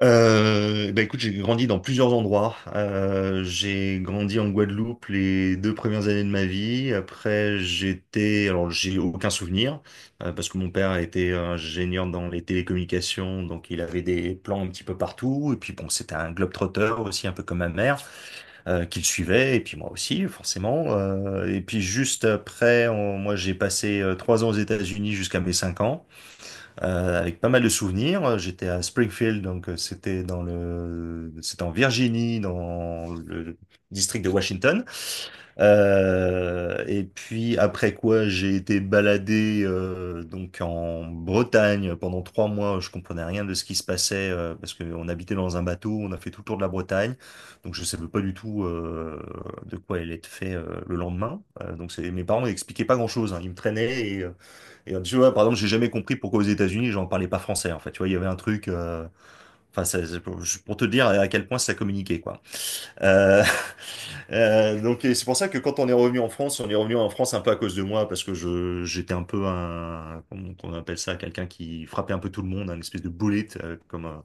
Bah écoute, j'ai grandi dans plusieurs endroits. J'ai grandi en Guadeloupe les deux premières années de ma vie. Après, j'ai aucun souvenir parce que mon père était ingénieur dans les télécommunications, donc il avait des plans un petit peu partout. Et puis bon, c'était un globe-trotter aussi, un peu comme ma mère, qu'il suivait. Et puis moi aussi, forcément. Et puis juste après, moi j'ai passé trois ans aux États-Unis jusqu'à mes cinq ans avec pas mal de souvenirs. J'étais à Springfield, donc c'était c'était en Virginie, dans le district de Washington. Et puis après quoi, j'ai été baladé donc en Bretagne pendant trois mois. Je comprenais rien de ce qui se passait parce qu'on habitait dans un bateau. On a fait tout le tour de la Bretagne, donc je savais pas du tout de quoi elle était fait le lendemain. Donc mes parents m'expliquaient pas grand-chose, hein. Ils me traînaient et tu vois, par exemple, j'ai jamais compris pourquoi aux États-Unis, j'en parlais pas français, en fait. Tu vois, il y avait un truc, enfin, c'est pour pour te dire à quel point ça communiquait, quoi. Euh, donc, et c'est pour ça que quand on est revenu en France, on est revenu en France un peu à cause de moi, parce que j'étais un peu un, comment on appelle ça, quelqu'un qui frappait un peu tout le monde, un espèce de bullet, comme,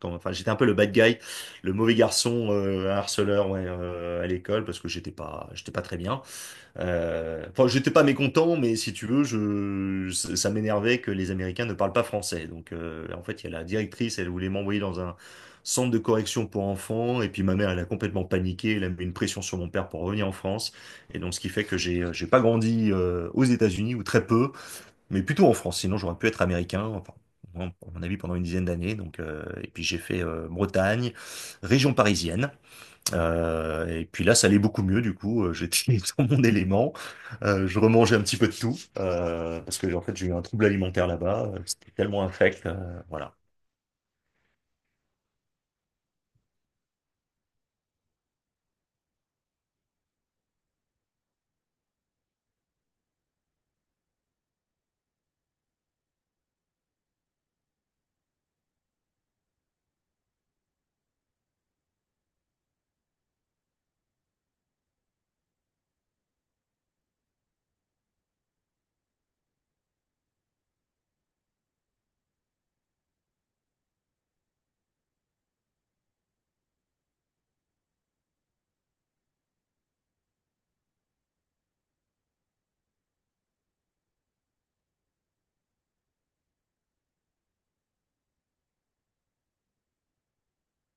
comme, enfin, j'étais un peu le bad guy, le mauvais garçon, un harceleur, ouais, à l'école, parce que j'étais pas très bien. Enfin, j'étais pas mécontent, mais si tu veux, ça, ça m'énervait que les Américains ne parlent pas français. Donc, en fait, il y a la directrice, elle voulait m'envoyer dans un centre de correction pour enfants, et puis ma mère, elle a complètement paniqué, elle a mis une pression sur mon père pour revenir en France, et donc ce qui fait que j'ai pas grandi aux États-Unis ou très peu, mais plutôt en France. Sinon, j'aurais pu être américain. Enfin, à mon avis, pendant une dizaine d'années. Donc, et puis j'ai fait Bretagne, région parisienne. Et puis là, ça allait beaucoup mieux du coup. J'étais dans mon élément. Je remangeais un petit peu de tout parce que en fait, j'ai eu un trouble alimentaire là-bas. C'était tellement infect, voilà.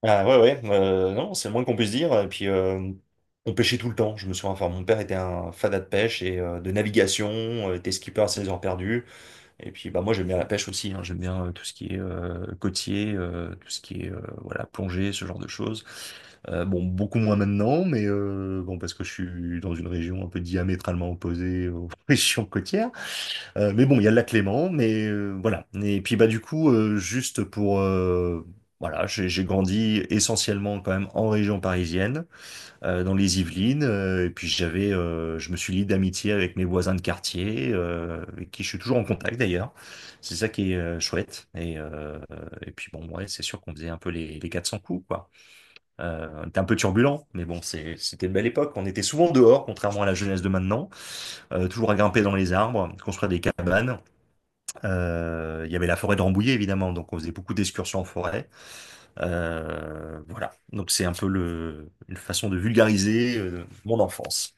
Ah ouais, ouais. Non, c'est le moins qu'on puisse dire. Et puis, on pêchait tout le temps. Je me souviens. Enfin, mon père était un fada de pêche et de navigation. Était skipper à ses heures perdues. Et puis bah moi j'aime bien la pêche aussi, hein. J'aime bien tout ce qui est côtier, tout ce qui est voilà plongée, ce genre de choses. Bon beaucoup moins maintenant, mais bon parce que je suis dans une région un peu diamétralement opposée aux régions côtières. Mais bon il y a le lac Léman, mais voilà. Et puis bah du coup juste pour voilà, j'ai grandi essentiellement quand même en région parisienne dans les Yvelines. Et puis je me suis lié d'amitié avec mes voisins de quartier, avec qui je suis toujours en contact d'ailleurs. C'est ça qui est chouette. Et puis bon, ouais, c'est sûr qu'on faisait un peu les 400 coups, quoi. On était un peu turbulent, mais bon, c'était une belle époque. On était souvent dehors, contrairement à la jeunesse de maintenant. Toujours à grimper dans les arbres, construire des cabanes. Il y avait la forêt de Rambouillet, évidemment, donc on faisait beaucoup d'excursions en forêt. Voilà, donc c'est un peu une façon de vulgariser mon enfance.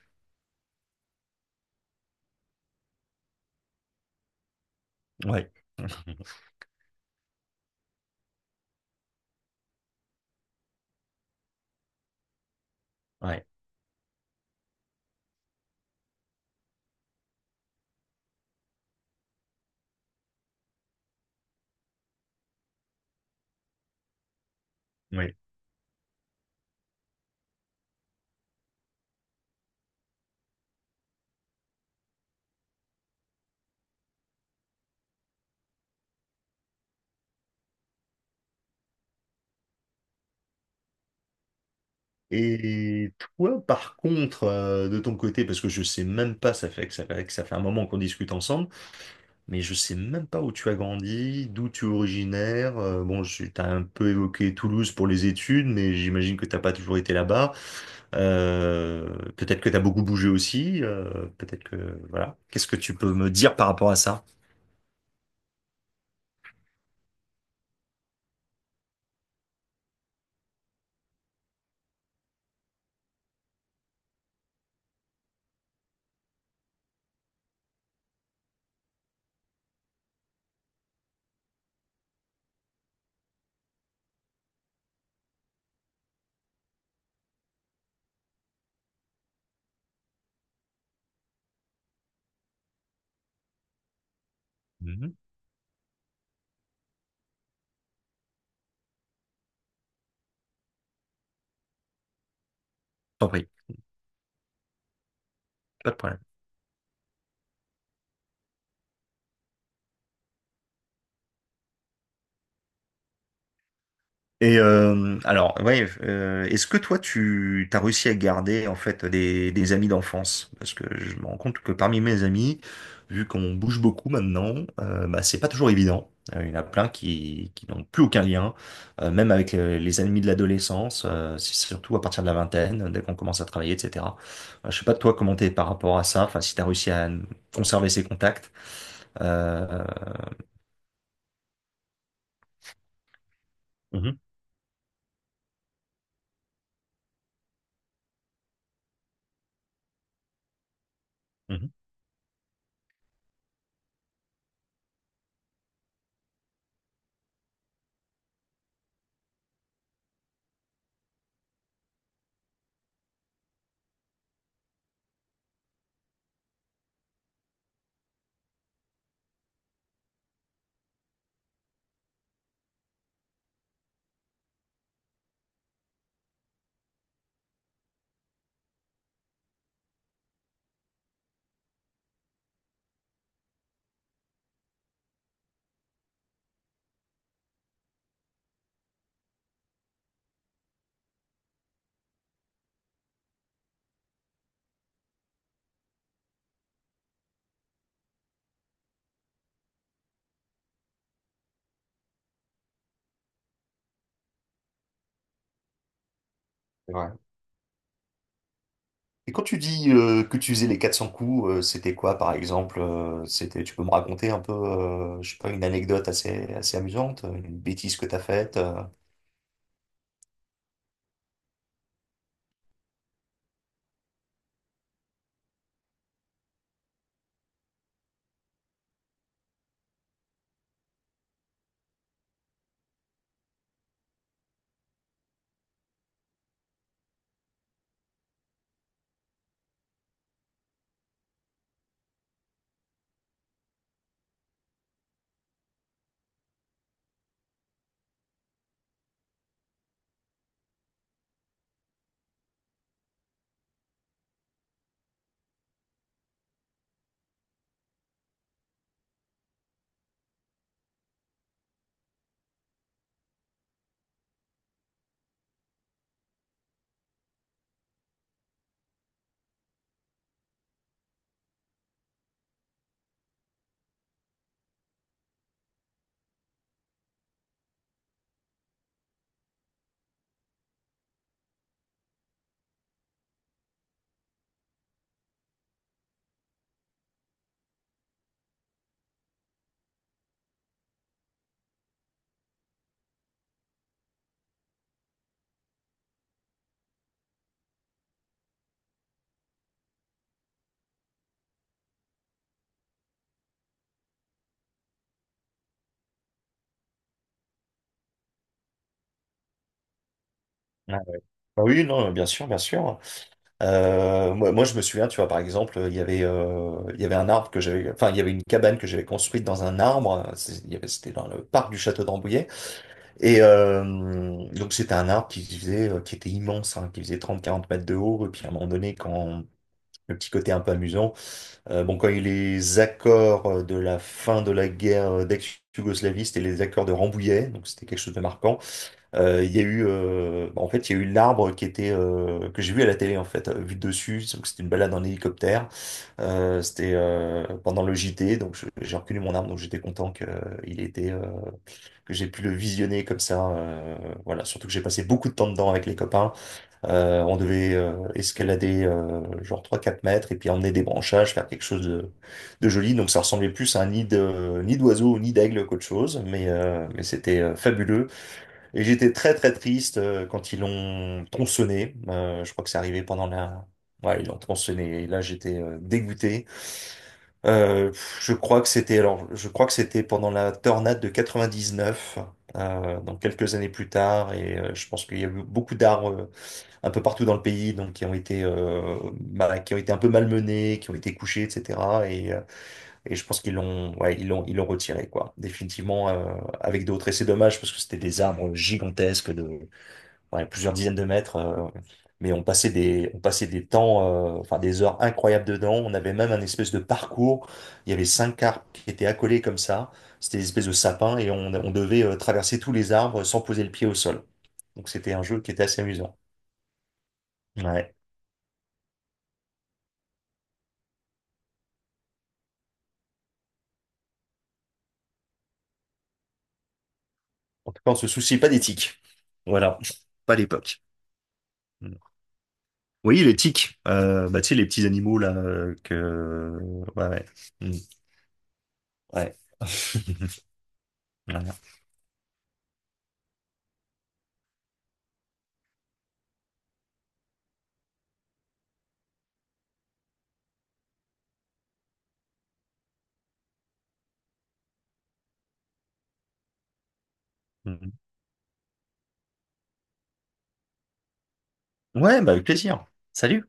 Ouais, ouais, ouais. Et toi, par contre, de ton côté, parce que je sais même pas, ça fait un moment qu'on discute ensemble, mais je sais même pas où tu as grandi, d'où tu es originaire. Bon, tu as un peu évoqué Toulouse pour les études, mais j'imagine que t'as pas toujours été là-bas. Euh, Peut-être que tu as beaucoup bougé aussi. Peut-être que voilà. Qu'est-ce que tu peux me dire par rapport à ça? Mhm. T'en prie, pas de problème. Alors, ouais, est-ce que toi, tu as réussi à garder en fait des amis d'enfance? Parce que je me rends compte que parmi mes amis, vu qu'on bouge beaucoup maintenant, bah, c'est pas toujours évident. Il y en a plein qui n'ont plus aucun lien, même avec les amis de l'adolescence. C'est surtout à partir de la vingtaine, dès qu'on commence à travailler, etc. Je sais pas toi comment t'es par rapport à ça. Enfin, si t'as réussi à conserver ces contacts. Euh, mhm, mhm. Ouais. Et quand tu dis que tu faisais les 400 coups, c'était quoi par exemple? Tu peux me raconter un peu, je sais pas, une anecdote assez amusante, une bêtise que t'as faite? Ah, bah oui, non, bien sûr, bien sûr. Moi, je me souviens, tu vois, par exemple, il y avait un arbre que j'avais, enfin, il y avait une cabane que j'avais construite dans un arbre. C'était dans le parc du château d'Ambouillet. Et euh, donc, c'était un arbre qui était immense, hein, qui faisait 30 quarante mètres de haut. Et puis, à un moment donné, quand le petit côté un peu amusant, bon, quand il y a eu les accords de la fin de la guerre d'ex-Yougoslavie, c'était les accords de Rambouillet, donc c'était quelque chose de marquant. Il y a eu, En fait, il y a eu l'arbre qui était que j'ai vu à la télé en fait, vu de dessus. Donc c'était une balade en hélicoptère. C'était pendant le JT, donc j'ai reconnu mon arbre, donc j'étais content que il était que j'ai pu le visionner comme ça. Voilà, surtout que j'ai passé beaucoup de temps dedans avec les copains. On devait escalader genre trois quatre mètres et puis emmener des branchages, faire quelque chose de joli. Donc ça ressemblait plus à un nid d'oiseau ou nid d'aigle qu'autre chose, mais c'était fabuleux. Et j'étais très très triste quand ils l'ont tronçonné. Je crois que c'est arrivé pendant la... Ouais, ils l'ont tronçonné et là j'étais dégoûté. Je crois que c'était pendant la tornade de 99, donc quelques années plus tard, et je pense qu'il y a eu beaucoup d'arbres un peu partout dans le pays, donc bah, qui ont été un peu malmenés, qui ont été couchés, etc. Et, euh, et je pense qu'ils l'ont, ouais, ils l'ont retiré, quoi, définitivement avec d'autres. Et c'est dommage parce que c'était des arbres gigantesques de ouais, plusieurs dizaines de mètres. Mais on passait des temps, enfin des heures incroyables dedans. On avait même un espèce de parcours. Il y avait cinq arbres qui étaient accolés comme ça. C'était des espèces de sapins et on devait traverser tous les arbres sans poser le pied au sol. Donc c'était un jeu qui était assez amusant. Ouais. En tout cas, on se soucie pas des tiques. Voilà, pas à l'époque. Mm. Oui, les tiques. Bah, tu sais, les petits animaux là que. Ouais, ouais. Mm. Ouais. Voilà. Mm. Ouais, bah avec plaisir. Salut.